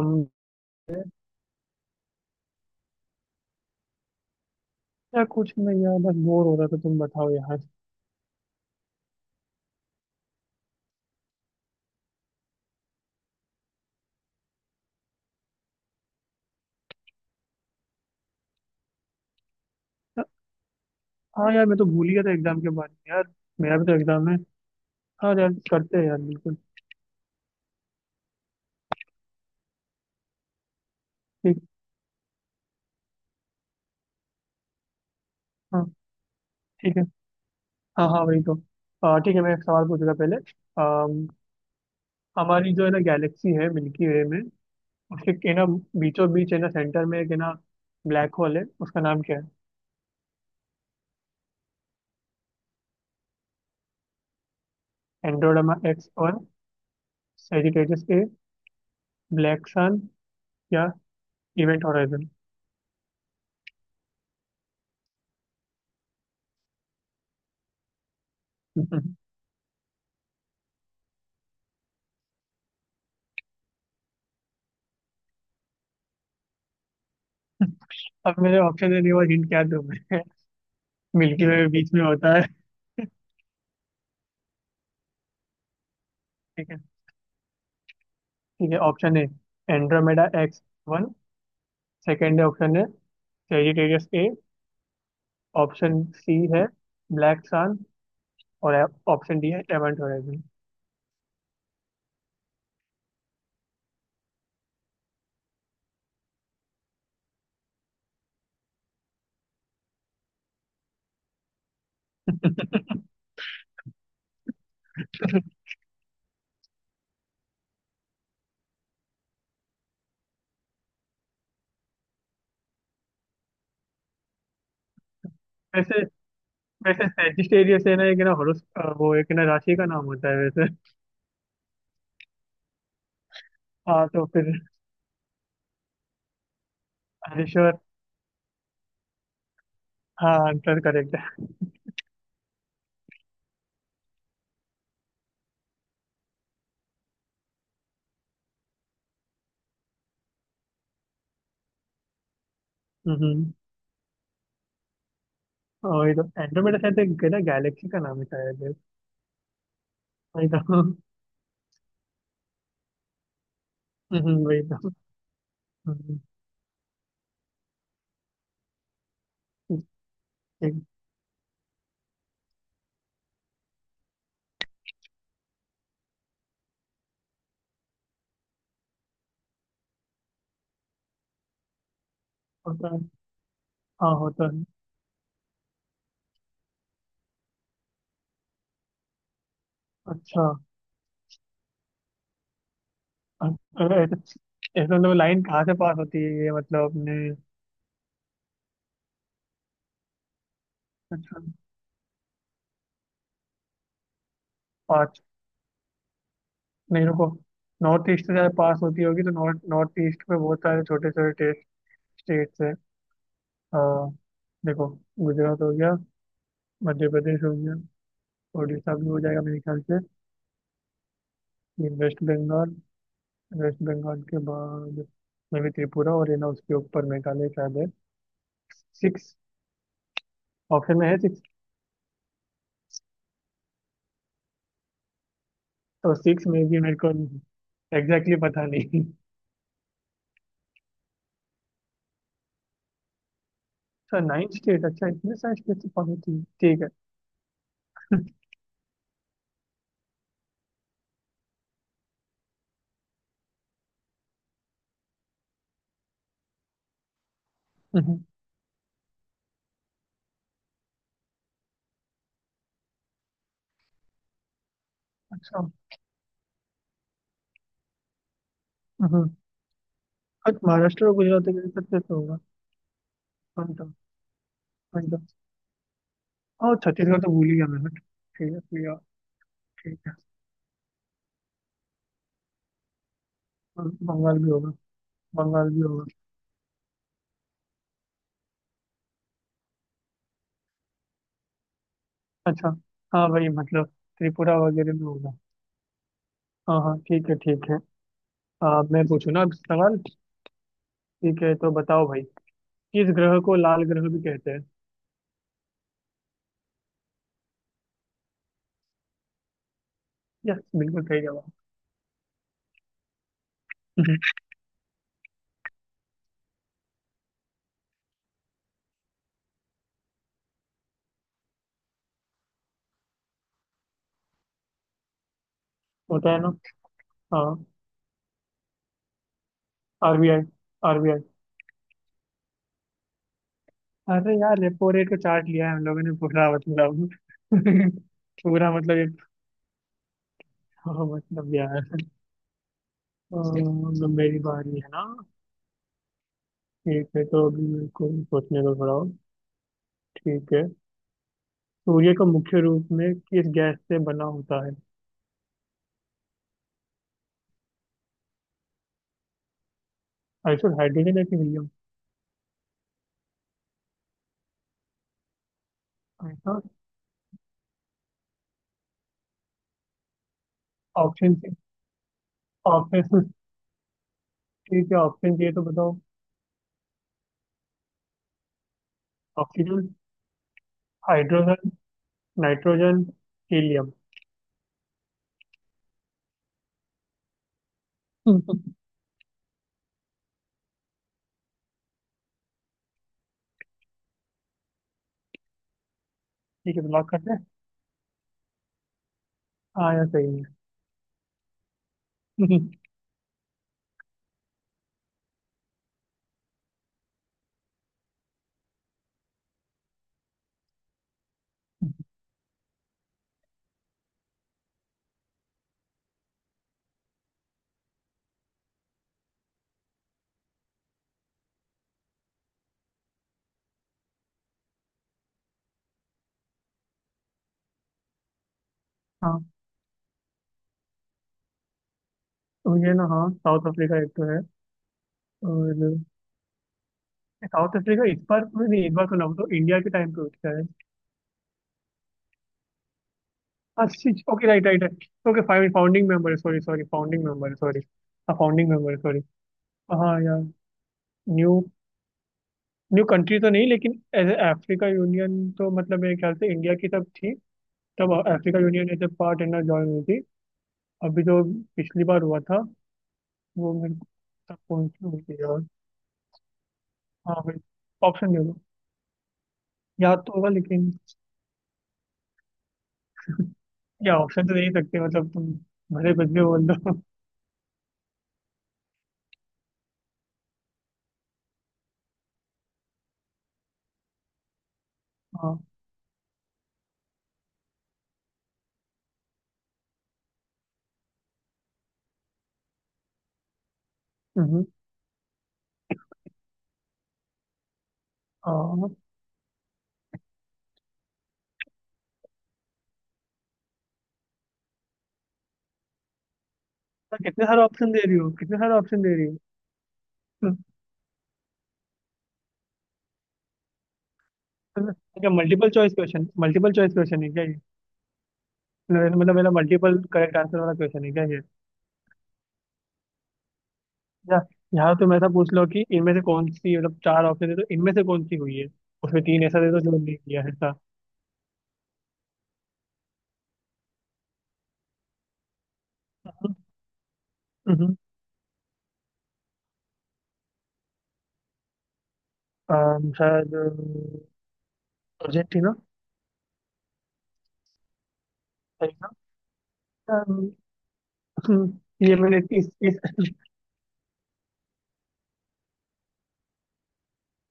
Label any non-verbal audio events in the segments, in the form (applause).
हम- यार कुछ नहीं यार, बस बोर हो रहा था। तुम बताओ यार। या- हाँ यार, मैं तो भूल ही गया था एग्जाम के बारे में यार। मेरा भी तो एग्जाम है। हाँ यार, करते हैं यार, बिल्कुल। ठीक। हाँ। ठीक है। हाँ हाँ, वही तो। ठीक है, मैं एक सवाल पूछूंगा पहले। अम, हमारी जो है ना गैलेक्सी है मिल्की वे में। उसके के ना बीचों बीच है ना, सेंटर में एक है ना ब्लैक होल, है उसका नाम क्या है? एंड्रोमेडा एक्स, और सेजिटेरियस ए, ब्लैक सन, या इवेंट होराइजन। (laughs) अब मेरे ऑप्शन देने के बाद हिंट क्या दूं मैं? मिल्की वे बीच में होता है। ठीक है, ठीक है। Option A Andromeda X one. Second option है सेजिटेरियस ए। ऑप्शन सी है ब्लैक सन। और ऑप्शन डी है एवेंट होराइजन। वैसे वैसे सेजिटेरियस है ना एक ना हॉरोस, वो एक ना राशि का नाम होता है वैसे। हाँ तो फिर, हरीश्वर। हाँ आंसर करेक्ट है। हम्म। और ये तो एंड्रोमेडा शायद एक ना गैलेक्सी का नाम है शायद। वही तो। (laughs) वही तो। हम्म। ठीक। होता है। हाँ होता है। अच्छा। अब ऐसे ऐसे तो लाइन कहाँ से पास होती है, ये मतलब अपने। अच्छा। पाँच। नहीं रुको। नॉर्थ ईस्ट से ज्यादा पास होती होगी, तो नॉर्थ नॉर्थ ईस्ट में बहुत सारे छोटे छोटे स्टेट्स हैं। हाँ। देखो, गुजरात हो गया, मध्य प्रदेश हो गया, उड़ीसा भी हो जाएगा मेरे ख्याल से। ये वेस्ट बंगाल। वेस्ट बंगाल के बाद में भी त्रिपुरा, और है ना उसके ऊपर मेघालय शायद है। सिक्स। ऑप्शन में है सिक्स। तो सिक्स में भी मेरे को एग्जैक्टली exactly पता नहीं। अच्छा, नाइन स्टेट, अच्छा इतने सारे स्टेट से पहुंची थी। ठीक है। हम्म, अच्छा। हम्म। हट, महाराष्ट्र और गुजरात के बीच सबसे तो होगा। One two. One two. और छत्तीसगढ़ तो भूल ही गया मैं। हट, ठीक है भैया। ठीक है। और बंगाल भी होगा। बंगाल भी होगा। अच्छा। हाँ भाई मतलब त्रिपुरा वगैरह भी होगा। हाँ हाँ, ठीक है, ठीक है। मैं पूछूँ ना अब सवाल? ठीक है, तो बताओ भाई। किस ग्रह को लाल ग्रह भी कहते हैं? यस, बिल्कुल सही जवाब। (laughs) हम्म। होता है ना। हाँ। आरबीआई। आरबीआई। अरे यार, रेपो रेट को चार्ट लिया है हम लोगों ने पूरा मतलब। (laughs) पूरा मतलब ये। (laughs) हाँ, मतलब यार। मतलब मेरी बारी है ना? ठीक है, तो अभी मेरे को सोचने दो थोड़ा और। ठीक है। सूर्य का मुख्य रूप में किस गैस से बना होता है? आइसो, हाइड्रोजन है कि हीलियम? आइसो। Option option. ठीक है, ऑप्शन चाहिए तो बताओ। Oxygen, hydrogen, nitrogen, helium. (laughs) ठीक है, तो लॉक करते हैं। हाँ यार सही है। (laughs) हाँ तो ये ना, हाँ साउथ अफ्रीका एक तो है। और साउथ अफ्रीका इस बार में नहीं, इस बार तो ना वो तो इंडिया के टाइम पे उठता है। हाँ। Okay, right right right, okay fine. Founding member sorry, sorry founding member, sorry. हाँ, फाउंडिंग मेंबर सॉरी। हाँ यार। न्यू न्यू कंट्री तो नहीं, लेकिन एज अफ्रीका यूनियन तो मतलब मेरे ख्याल से इंडिया की तब थी। तब Africa union as a partner join हुई थी। अभी जो पिछली बार हुआ था वो मेरे को, तब कौन सी हुई थी यार? हाँ भाई, ऑप्शन दे दो। याद तो होगा लेकिन। या ऑप्शन तो दे ही सकते मतलब तुम, भले बदले बोल दो। हाँ। हम्म। हाँ। तो कितने सारे ऑप्शन दे रही हो? कितने सारे ऑप्शन दे रही हो? (laughs) अच्छा, multiple choice question, multiple choice question है क्या ये? मतलब मेरा मल्टीपल करेक्ट आंसर वाला क्वेश्चन है क्या ये? या यहाँ तुम ऐसा पूछ लो कि इनमें से कौन सी, मतलब चार ऑप्शन है तो इनमें से कौन सी हुई है? उसमें तीन ऐसा दे दो जो नहीं किया है ऐसा। हम्म, शायद, अर्जेंटीना। सही ना? अम, (laughs) हम्म, ये मैंने इस।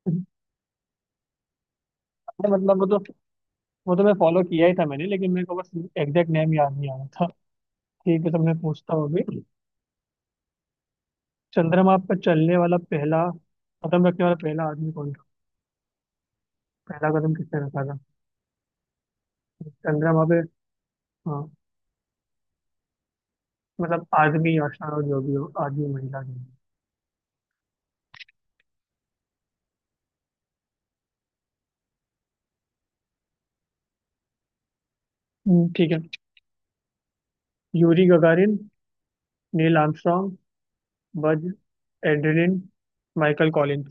(laughs) अरे मतलब, वो तो मैं फॉलो किया ही था मैंने, लेकिन मेरे को बस एग्जैक्ट नेम याद नहीं आ रहा था। ठीक है, तो मैं पूछता हूँ अभी। चंद्रमा पर चलने वाला पहला, कदम रखने वाला पहला आदमी कौन था? पहला कदम किसने रखा था चंद्रमा पे? हाँ, मतलब आदमी, या शायद जो भी हो, आदमी महिला, जो भी हो। ठीक है। Yuri Gagarin, Neil Armstrong, Buzz Aldrin, Michael Collins.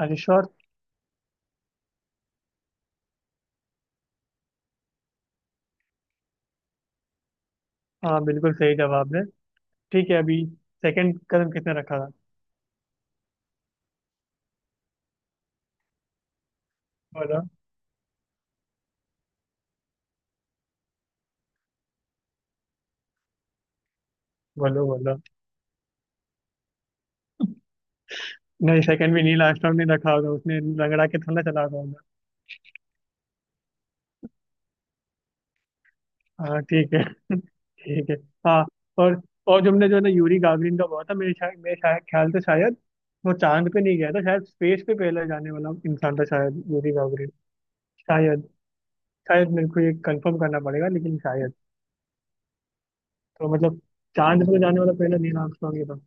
अरे श्योर। हाँ, बिल्कुल सही जवाब है। ठीक है, अभी सेकंड कदम किसने रखा था? बोलो, बोलो, बोलो। नहीं, सेकंड भी नील आर्मस्ट्रॉन्ग ने रखा होगा। उसने रगड़ा के थोड़ा चला था। हाँ ठीक है। (laughs) ठीक है। हाँ। और और तुमने जो है ना यूरी गागरिन का बोला था, मेरे शायद, मेरे शायद ख्याल से, शायद वो चांद पे नहीं गया था शायद। स्पेस पे पहले जाने वाला इंसान था शायद यूरी गागरिन शायद शायद। मेरे को ये कंफर्म करना पड़ेगा लेकिन शायद। तो मतलब चांद पे तो जाने वाला पहला नील आर्मस्ट्रांग ही था।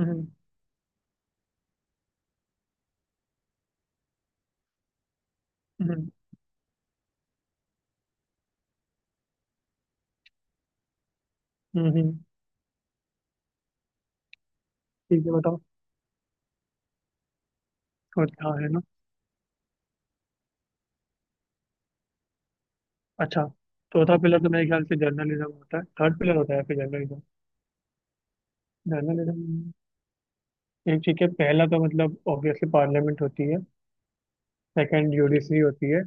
हम्म हम्म हम्म। ठीक है, बताओ। चौथा है ना। अच्छा, चौथा पिलर तो मेरे ख्याल से जर्नलिज्म होता है। थर्ड पिलर होता है फिर जर्नलिज्म। जर्नलिज्म एक। ठीक है, पहला तो मतलब ऑब्वियसली पार्लियामेंट होती है। सेकंड यूडीसी होती है।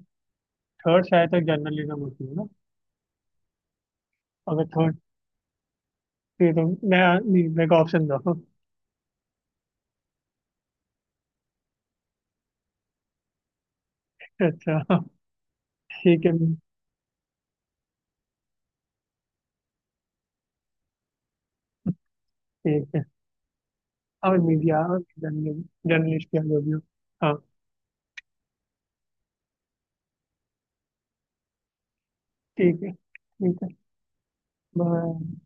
थर्ड शायद तक जर्नलिज्म होती है ना? अगर थर्ड, ये तो मैं, नहीं, मेरे को ऑप्शन दो। अच्छा। ठीक है, ठीक है। और मीडिया, और जर्नलिस्ट, या जो भी हो। हाँ, ठीक है, ठीक है। बाय।